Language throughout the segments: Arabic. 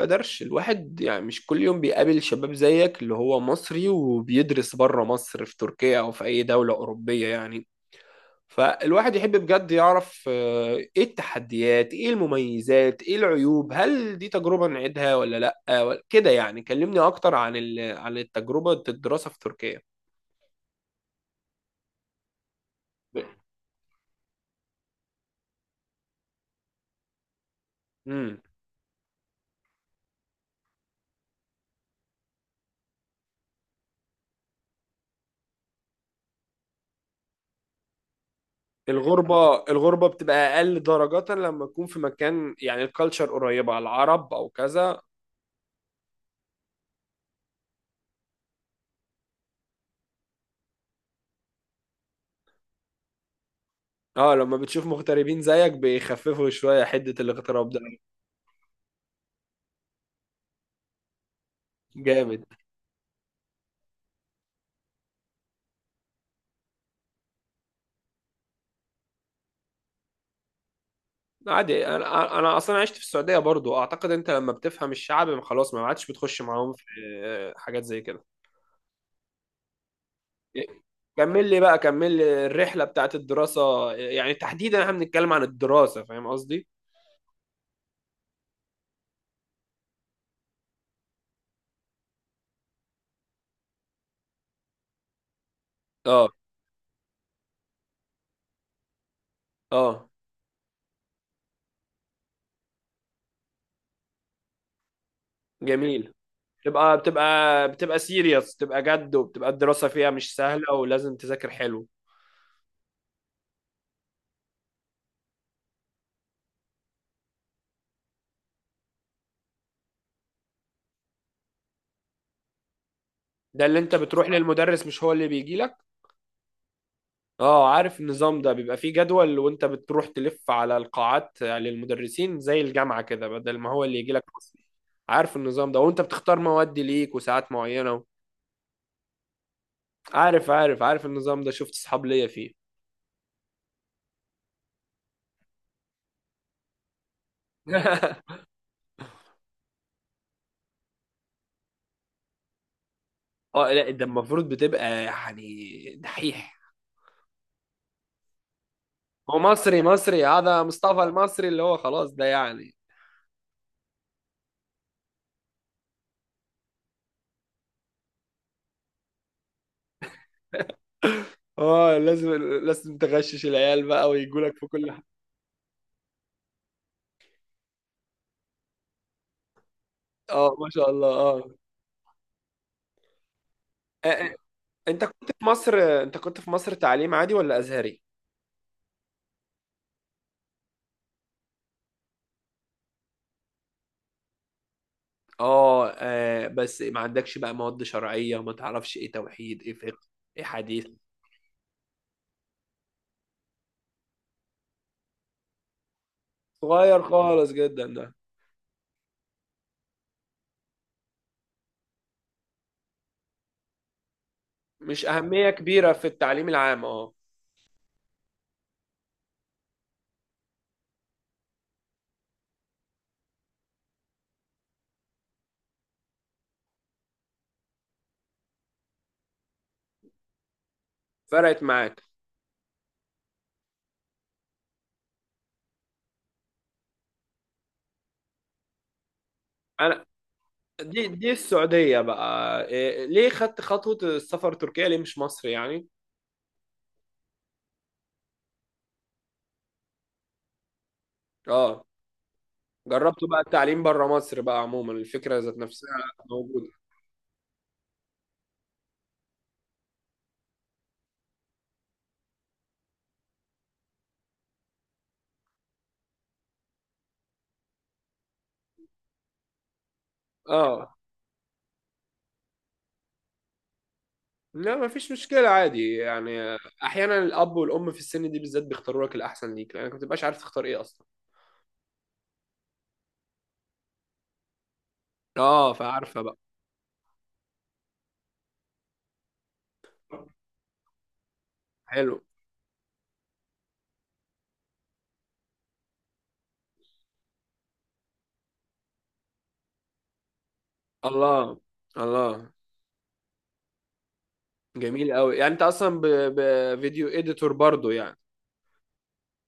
قدرش الواحد يعني مش كل يوم بيقابل شباب زيك اللي هو مصري وبيدرس بره مصر في تركيا أو في أي دولة أوروبية يعني. فالواحد يحب بجد يعرف إيه التحديات، إيه المميزات، إيه العيوب، هل دي تجربة نعيدها ولا لأ كده؟ يعني كلمني أكتر عن عن التجربة، الدراسة في تركيا. امم الغربة، الغربة بتبقى أقل درجة لما تكون في مكان يعني الكالتشر قريبة على العرب أو كذا. اه، لما بتشوف مغتربين زيك بيخففوا شوية حدة الاغتراب ده. جامد. عادي، انا اصلا عشت في السعودية برضو، اعتقد انت لما بتفهم الشعب خلاص ما عادش بتخش معاهم في آه، حاجات زي كده. إيه، كمل لي بقى، كمل لي الرحلة بتاعت الدراسة، يعني تحديدا احنا بنتكلم عن الدراسة، فاهم قصدي؟ اه، اه، جميل. بتبقى سيريس، بتبقى جد، وبتبقى الدراسة فيها مش سهلة ولازم تذاكر حلو. ده اللي انت بتروح للمدرس مش هو اللي بيجي لك. اه، عارف النظام ده، بيبقى فيه جدول وانت بتروح تلف على القاعات للمدرسين زي الجامعة كده، بدل ما هو اللي يجي لك اصلا. عارف النظام ده، وانت بتختار مواد ليك وساعات معينة. عارف النظام ده، شفت اصحاب ليا فيه. اه لا، ده المفروض بتبقى يعني دحيح. هو مصري مصري، هذا مصطفى المصري اللي هو خلاص ده يعني. اه، لازم، لازم تغشش العيال بقى ويجوا لك في كل حاجة. اه، ما شاء الله، اه. انت كنت في مصر، انت كنت في مصر تعليم عادي ولا ازهري؟ اه آه، بس ما عندكش بقى مواد شرعية، ما تعرفش ايه توحيد، ايه فقه، ايه حديث. صغير خالص جدا ده. مش أهمية كبيرة في التعليم العام، اه. فرقت معاك. انا، دي السعودية بقى، إيه ليه خدت خطوة السفر تركيا ليه مش مصر يعني؟ اه، جربت بقى التعليم بره مصر بقى، عموما الفكرة ذات نفسها. موجودة. اه لا، ما فيش مشكلة، عادي يعني. أحيانا الأب والأم في السن دي بالذات بيختاروا لك الأحسن ليك، لأنك ما بتبقاش عارف تختار إيه أصلا. أه، فعارفة بقى. حلو. الله، الله. جميل أوي، يعني أنت أصلا بفيديو إديتور برضو يعني؟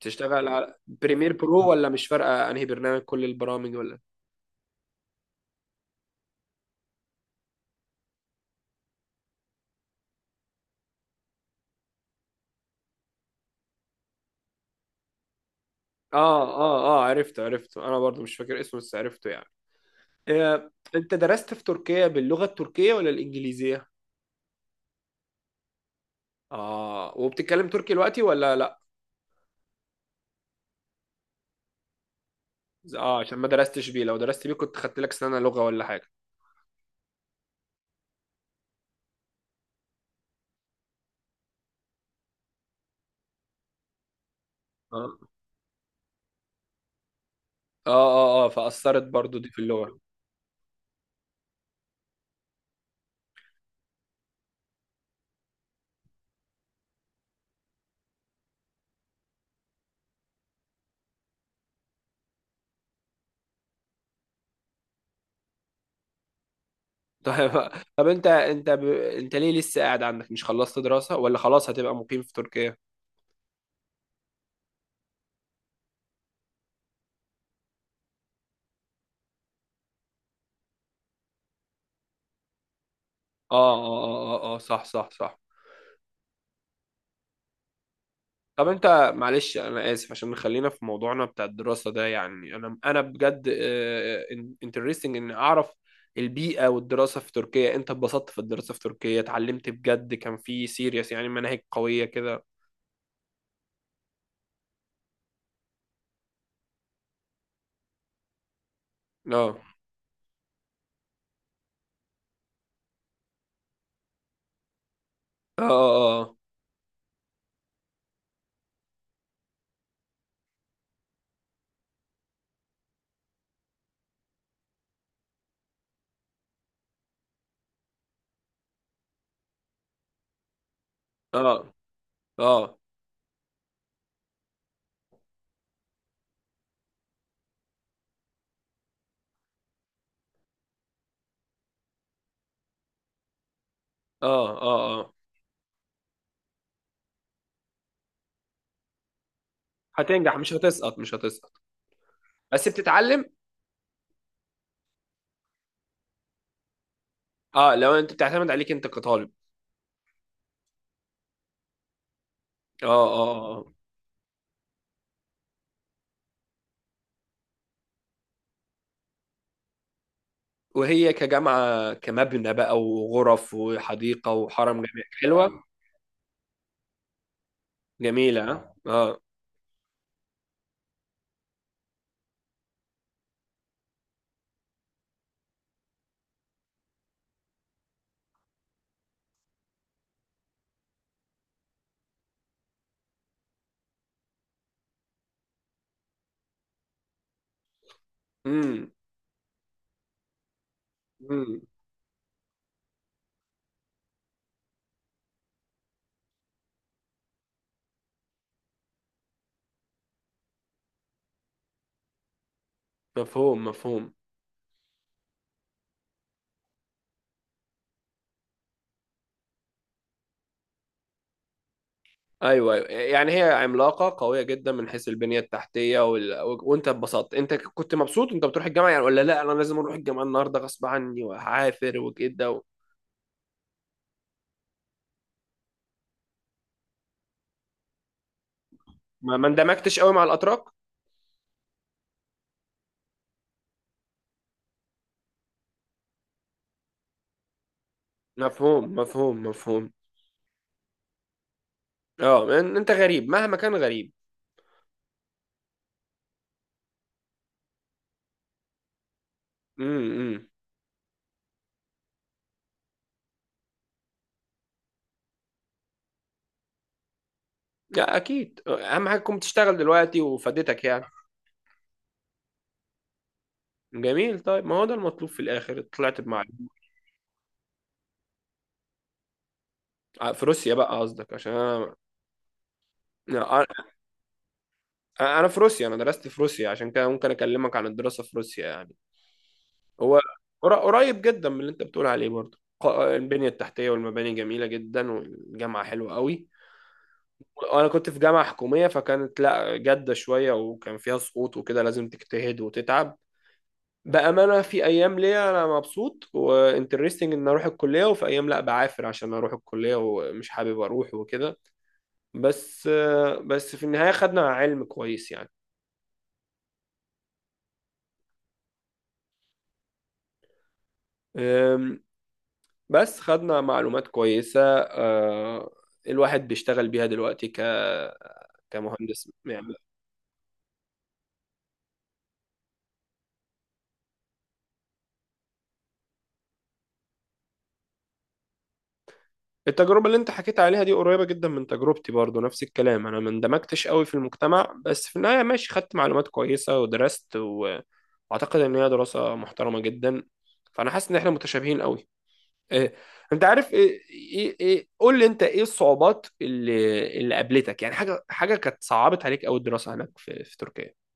تشتغل على بريمير برو ولا مش فارقة أنهي برنامج، كل البرامج ولا؟ آه آه آه، عرفته عرفته، أنا برضو مش فاكر اسمه بس عرفته يعني. إيه، أنت درست في تركيا باللغة التركية ولا الإنجليزية؟ آه، وبتتكلم تركي دلوقتي ولا لأ؟ اه، عشان ما درستش بيه. لو درست بيه كنت خدت لك سنة لغة ولا حاجة. اه اه اه، آه، فأثرت برضو دي في اللغة. طيب. طب انت، انت ليه لسه قاعد عندك، مش خلصت دراسة، ولا خلاص هتبقى مقيم في تركيا؟ اه اه اه اه، آه صح صح صح. طب انت معلش، انا اسف، عشان خلينا في موضوعنا بتاع الدراسة ده، يعني انا بجد انترستنج ان اعرف البيئة والدراسة في تركيا. انت اتبسطت في الدراسة في تركيا؟ اتعلمت بجد؟ كان في سيريس يعني، مناهج قوية كده؟ اه اه اه آه. اه اه اه اه. اه. هتنجح، مش هتسقط، مش هتسقط. بس بتتعلم. اه، لو انت بتعتمد عليك انت كطالب. اه اه اه اه. وهي كجامعة، كمبنى بقى وغرف وحديقة وحرم جميل، حلوة؟ جميلة؟ اه آه. امم، امم. مفهوم، مفهوم. ايوه ايوه، يعني هي عملاقة قوية جدا من حيث البنية التحتية وانت اتبسطت؟ انت كنت مبسوط انت بتروح الجامعة يعني، ولا لا انا لازم اروح الجامعة النهاردة غصب عني وهعافر وكده و... ما اندمجتش قوي مع الاتراك. مفهوم مفهوم مفهوم. اه، انت غريب مهما كان، غريب. امم، إمم. لا اكيد، اهم حاجه تكون بتشتغل دلوقتي وفادتك يعني. جميل، طيب ما هو ده المطلوب في الاخر، طلعت بمعلم. آه، في روسيا بقى قصدك، عشان انا، انا، أنا في روسيا، انا درست في روسيا عشان كده ممكن اكلمك عن الدراسه في روسيا يعني. هو قريب جدا من اللي انت بتقول عليه برضه، البنيه التحتيه والمباني جميله جدا والجامعه حلوه قوي. وانا كنت في جامعة حكومية، فكانت لا جادة شوية وكان فيها سقوط وكده، لازم تجتهد وتتعب. بأمانة، في أيام ليا أنا مبسوط وانترستنج إن أروح الكلية، وفي أيام لا، بعافر عشان أروح الكلية ومش حابب أروح وكده. بس، بس في النهاية خدنا علم كويس يعني. أم، بس خدنا معلومات كويسة أه، الواحد بيشتغل بيها دلوقتي كمهندس يعني. التجربة اللي انت حكيت عليها دي قريبة جدا من تجربتي برضو، نفس الكلام، انا ما اندمجتش قوي في المجتمع، بس في النهاية ماشي، خدت معلومات كويسة ودرست و- واعتقد ان هي دراسة محترمة جدا. فانا حاسس ان احنا متشابهين قوي. إيه. انت عارف ايه، ايه، ايه قول لي انت، ايه الصعوبات اللي اللي قابلتك يعني، حاجة حاجة كانت صعبت عليك قوي الدراسة هناك في في تركيا؟